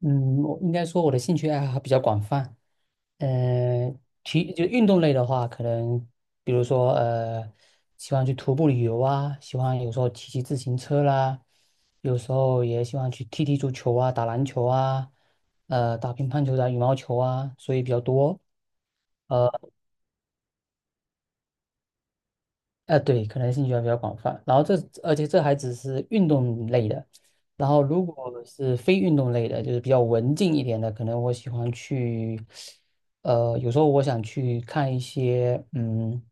嗯，我应该说我的兴趣爱好还比较广泛。呃，体就运动类的话，可能比如说喜欢去徒步旅游啊，喜欢有时候骑骑自行车啦，有时候也喜欢去踢踢足球啊，打篮球啊，打乒乓球、打羽毛球啊，所以比较多。呃对，可能兴趣还比较广泛。然后这，而且这还只是运动类的。然后，如果是非运动类的，就是比较文静一点的，可能我喜欢去，有时候我想去看一些，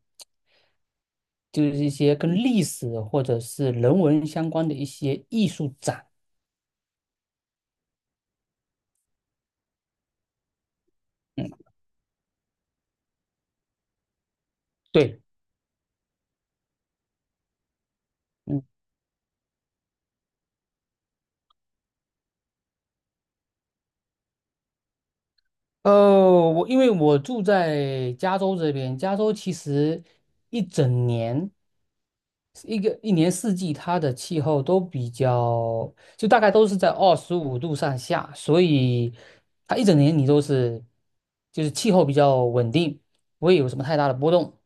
就是一些跟历史或者是人文相关的一些艺术展。嗯，对。嗯。呃，我因为我住在加州这边，加州其实一整年，一年四季，它的气候都比较，就大概都是在25度上下，所以它一整年你都是，就是气候比较稳定，不会有什么太大的波动。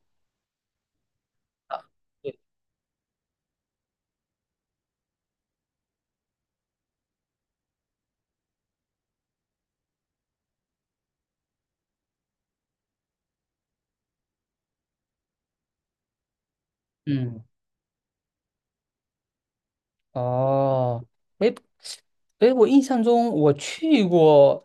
啊。对，嗯。哦，诶，哎，我印象中我去过，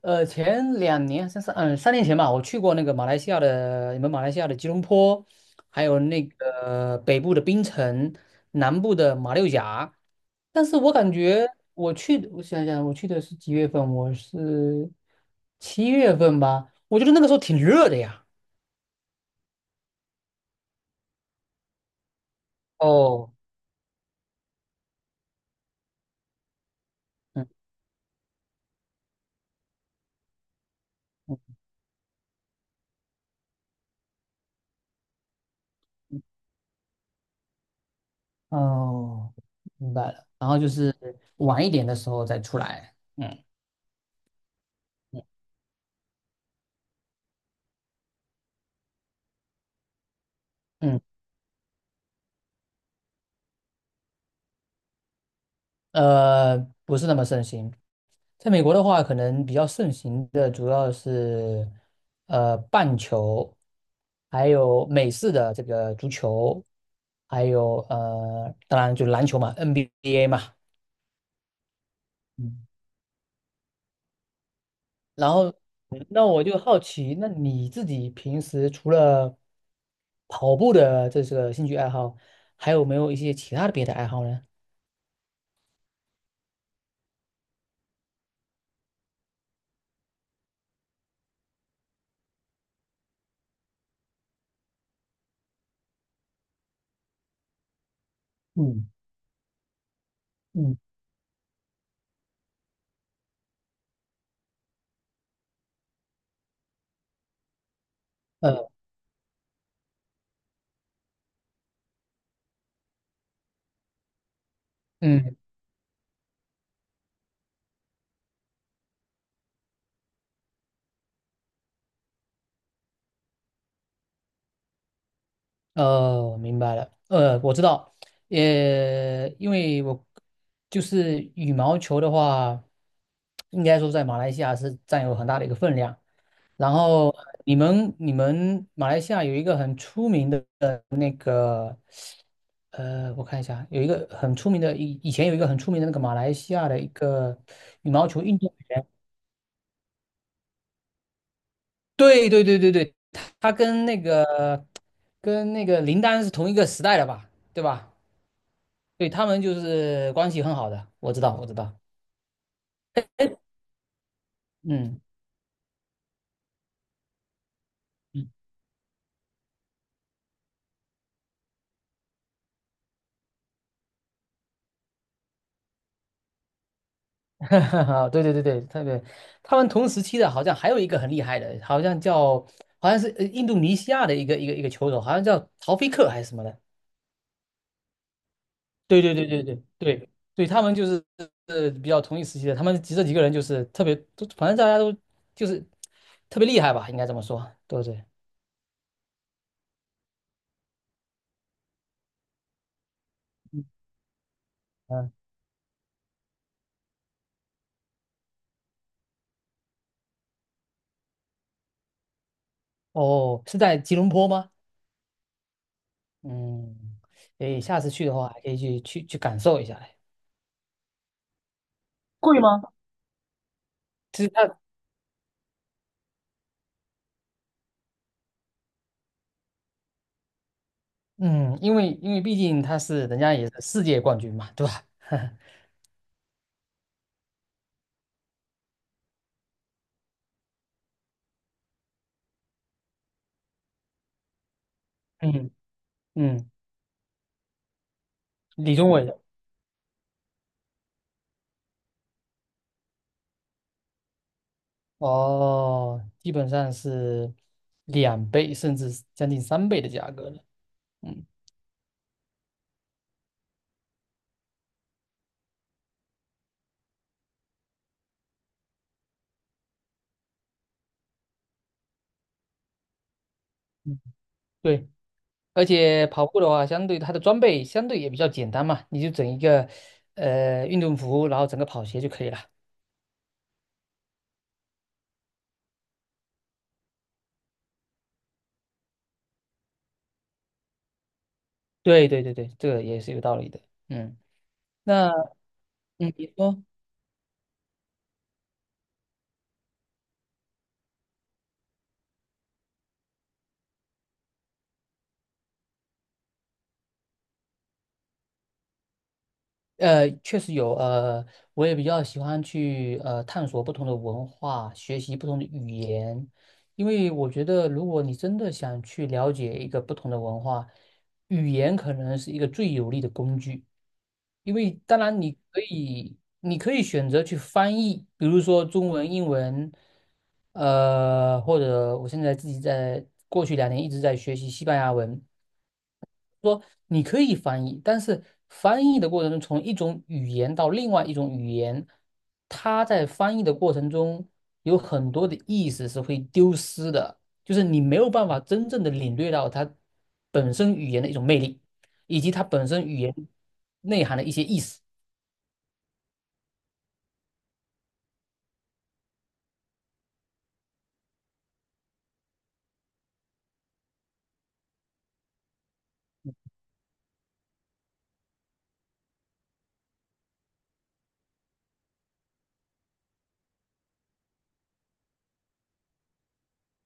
前两年，3年前吧，我去过那个马来西亚的，你们马来西亚的吉隆坡，还有那个北部的槟城，南部的马六甲。但是我感觉我去，我想想，我去的是几月份？我是7月份吧，我觉得那个时候挺热的呀。哦，嗯嗯嗯哦，明白了。然后就是晚一点的时候再出来。嗯。嗯，嗯呃，不是那么盛行。在美国的话，可能比较盛行的主要是棒球，还有美式的这个足球，还有当然就篮球嘛，NBA 嘛。嗯，然后那我就好奇，那你自己平时除了跑步的这个兴趣爱好，还有没有一些其他的别的爱好呢？嗯嗯，呃，嗯。明白了。我知道，因为我就是羽毛球的话，应该说在马来西亚是占有很大的一个分量。然后你们马来西亚有一个很出名的，我看一下，有一个很出名的，以前有一个很出名的那个马来西亚的一个羽毛球运动员。对对对对对，他跟那个林丹是同一个时代的吧？对吧？对，他们就是关系很好的，我知道，我知道，嗯嗯，对对对对，特别，他们同时期的好像还有一个很厉害的，好像叫，好像是印度尼西亚的一个球手，好像叫陶菲克还是什么的，对对对对对对对，他们就是比较同一时期的，他们几这几个人就是特别，都反正大家都就是特别厉害吧，应该这么说，对不对？嗯，哦，是在吉隆坡吗？嗯，诶，下次去的话还可以去感受一下。其实他。嗯，因为毕竟他是人家也是世界冠军嘛，对吧？嗯嗯，李宗伟的哦，基本上是2倍甚至是将近3倍的价格了。嗯嗯，对，而且跑步的话，相对它的装备相对也比较简单嘛，你就整一个运动服，然后整个跑鞋就可以了。对对对对，这个也是有道理的。嗯，那嗯，你说。确实有，我也比较喜欢去探索不同的文化，学习不同的语言，因为我觉得如果你真的想去了解一个不同的文化，语言可能是一个最有力的工具。因为当然你可以，你可以选择去翻译，比如说中文、英文，或者我现在自己在过去两年一直在学习西班牙文，说你可以翻译，但是翻译的过程中，从一种语言到另外一种语言，它在翻译的过程中有很多的意思是会丢失的，就是你没有办法真正的领略到它本身语言的一种魅力，以及它本身语言内涵的一些意思。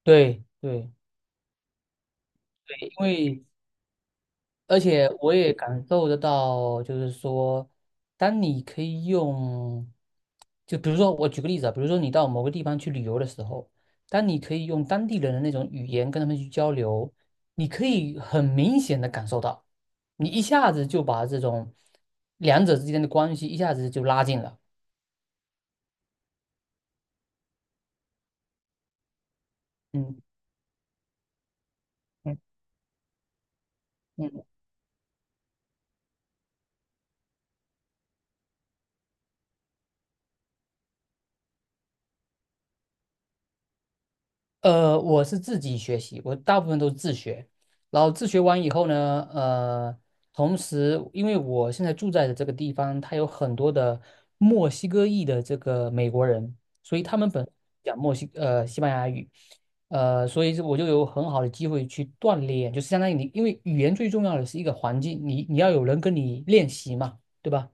对对对，因为而且我也感受得到，就是说，当你可以用，就比如说我举个例子啊，比如说你到某个地方去旅游的时候，当你可以用当地人的那种语言跟他们去交流，你可以很明显的感受到，你一下子就把这种两者之间的关系一下子就拉近了。嗯嗯嗯。我是自己学习，我大部分都是自学，然后自学完以后呢，同时因为我现在住在的这个地方，它有很多的墨西哥裔的这个美国人，所以他们本讲西班牙语，所以我就有很好的机会去锻炼，就是相当于你，因为语言最重要的是一个环境，你要有人跟你练习嘛，对吧？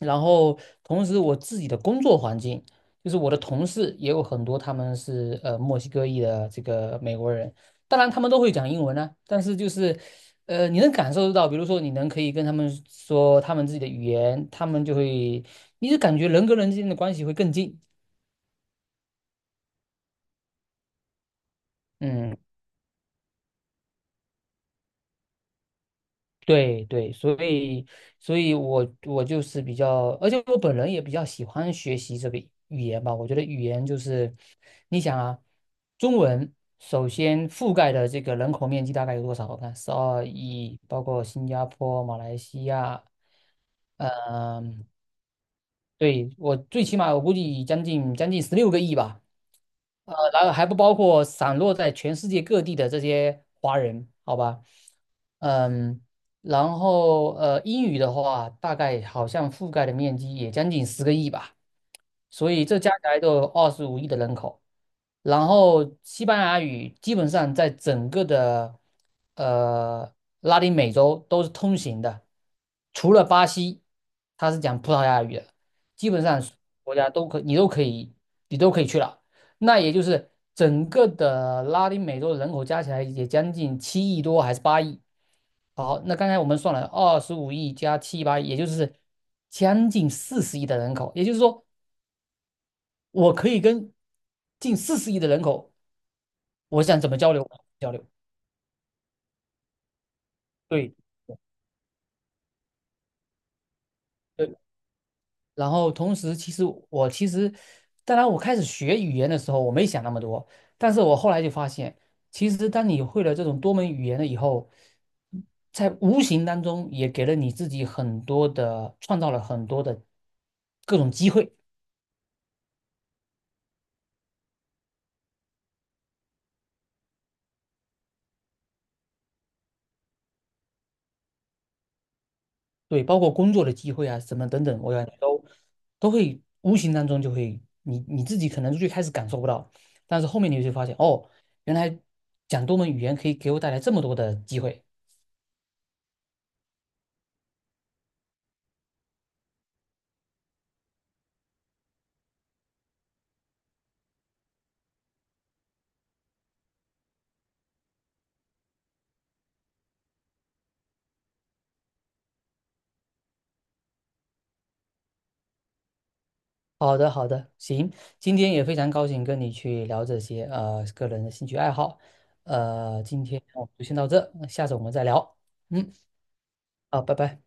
然后同时我自己的工作环境，就是我的同事也有很多他们是墨西哥裔的这个美国人，当然他们都会讲英文呢、但是就是你能感受得到，比如说你能可以跟他们说他们自己的语言，他们就会，你就感觉人跟人之间的关系会更近，嗯。对对，所以我就是比较，而且我本人也比较喜欢学习这个语言吧。我觉得语言就是，你想啊，中文首先覆盖的这个人口面积大概有多少？我看12亿，包括新加坡、马来西亚，嗯、对，我最起码我估计将近16个亿吧。然后还不包括散落在全世界各地的这些华人，好吧？嗯，然后英语的话，大概好像覆盖的面积也将近10个亿吧，所以这加起来都有二十五亿的人口。然后西班牙语基本上在整个的呃拉丁美洲都是通行的，除了巴西，它是讲葡萄牙语的，基本上国家你都可以去了。那也就是整个的拉丁美洲人口加起来也将近7亿多还是八亿。好，那刚才我们算了二十五亿加7、8亿，也就是将近四十亿的人口，也就是说，我可以跟近四十亿的人口。我想怎么交流交流，对对。然后同时，其实我其实，当然我开始学语言的时候，我没想那么多，但是我后来就发现，其实当你会了这种多门语言了以后，在无形当中也给了你自己很多的，创造了很多的各种机会。对，包括工作的机会啊，什么等等，我感觉都会无形当中就会，你自己可能最开始感受不到，但是后面你就会发现，哦，原来讲多门语言可以给我带来这么多的机会。好的，好的，行，今天也非常高兴跟你去聊这些个人的兴趣爱好，今天我们就先到这，下次我们再聊，嗯，好，拜拜。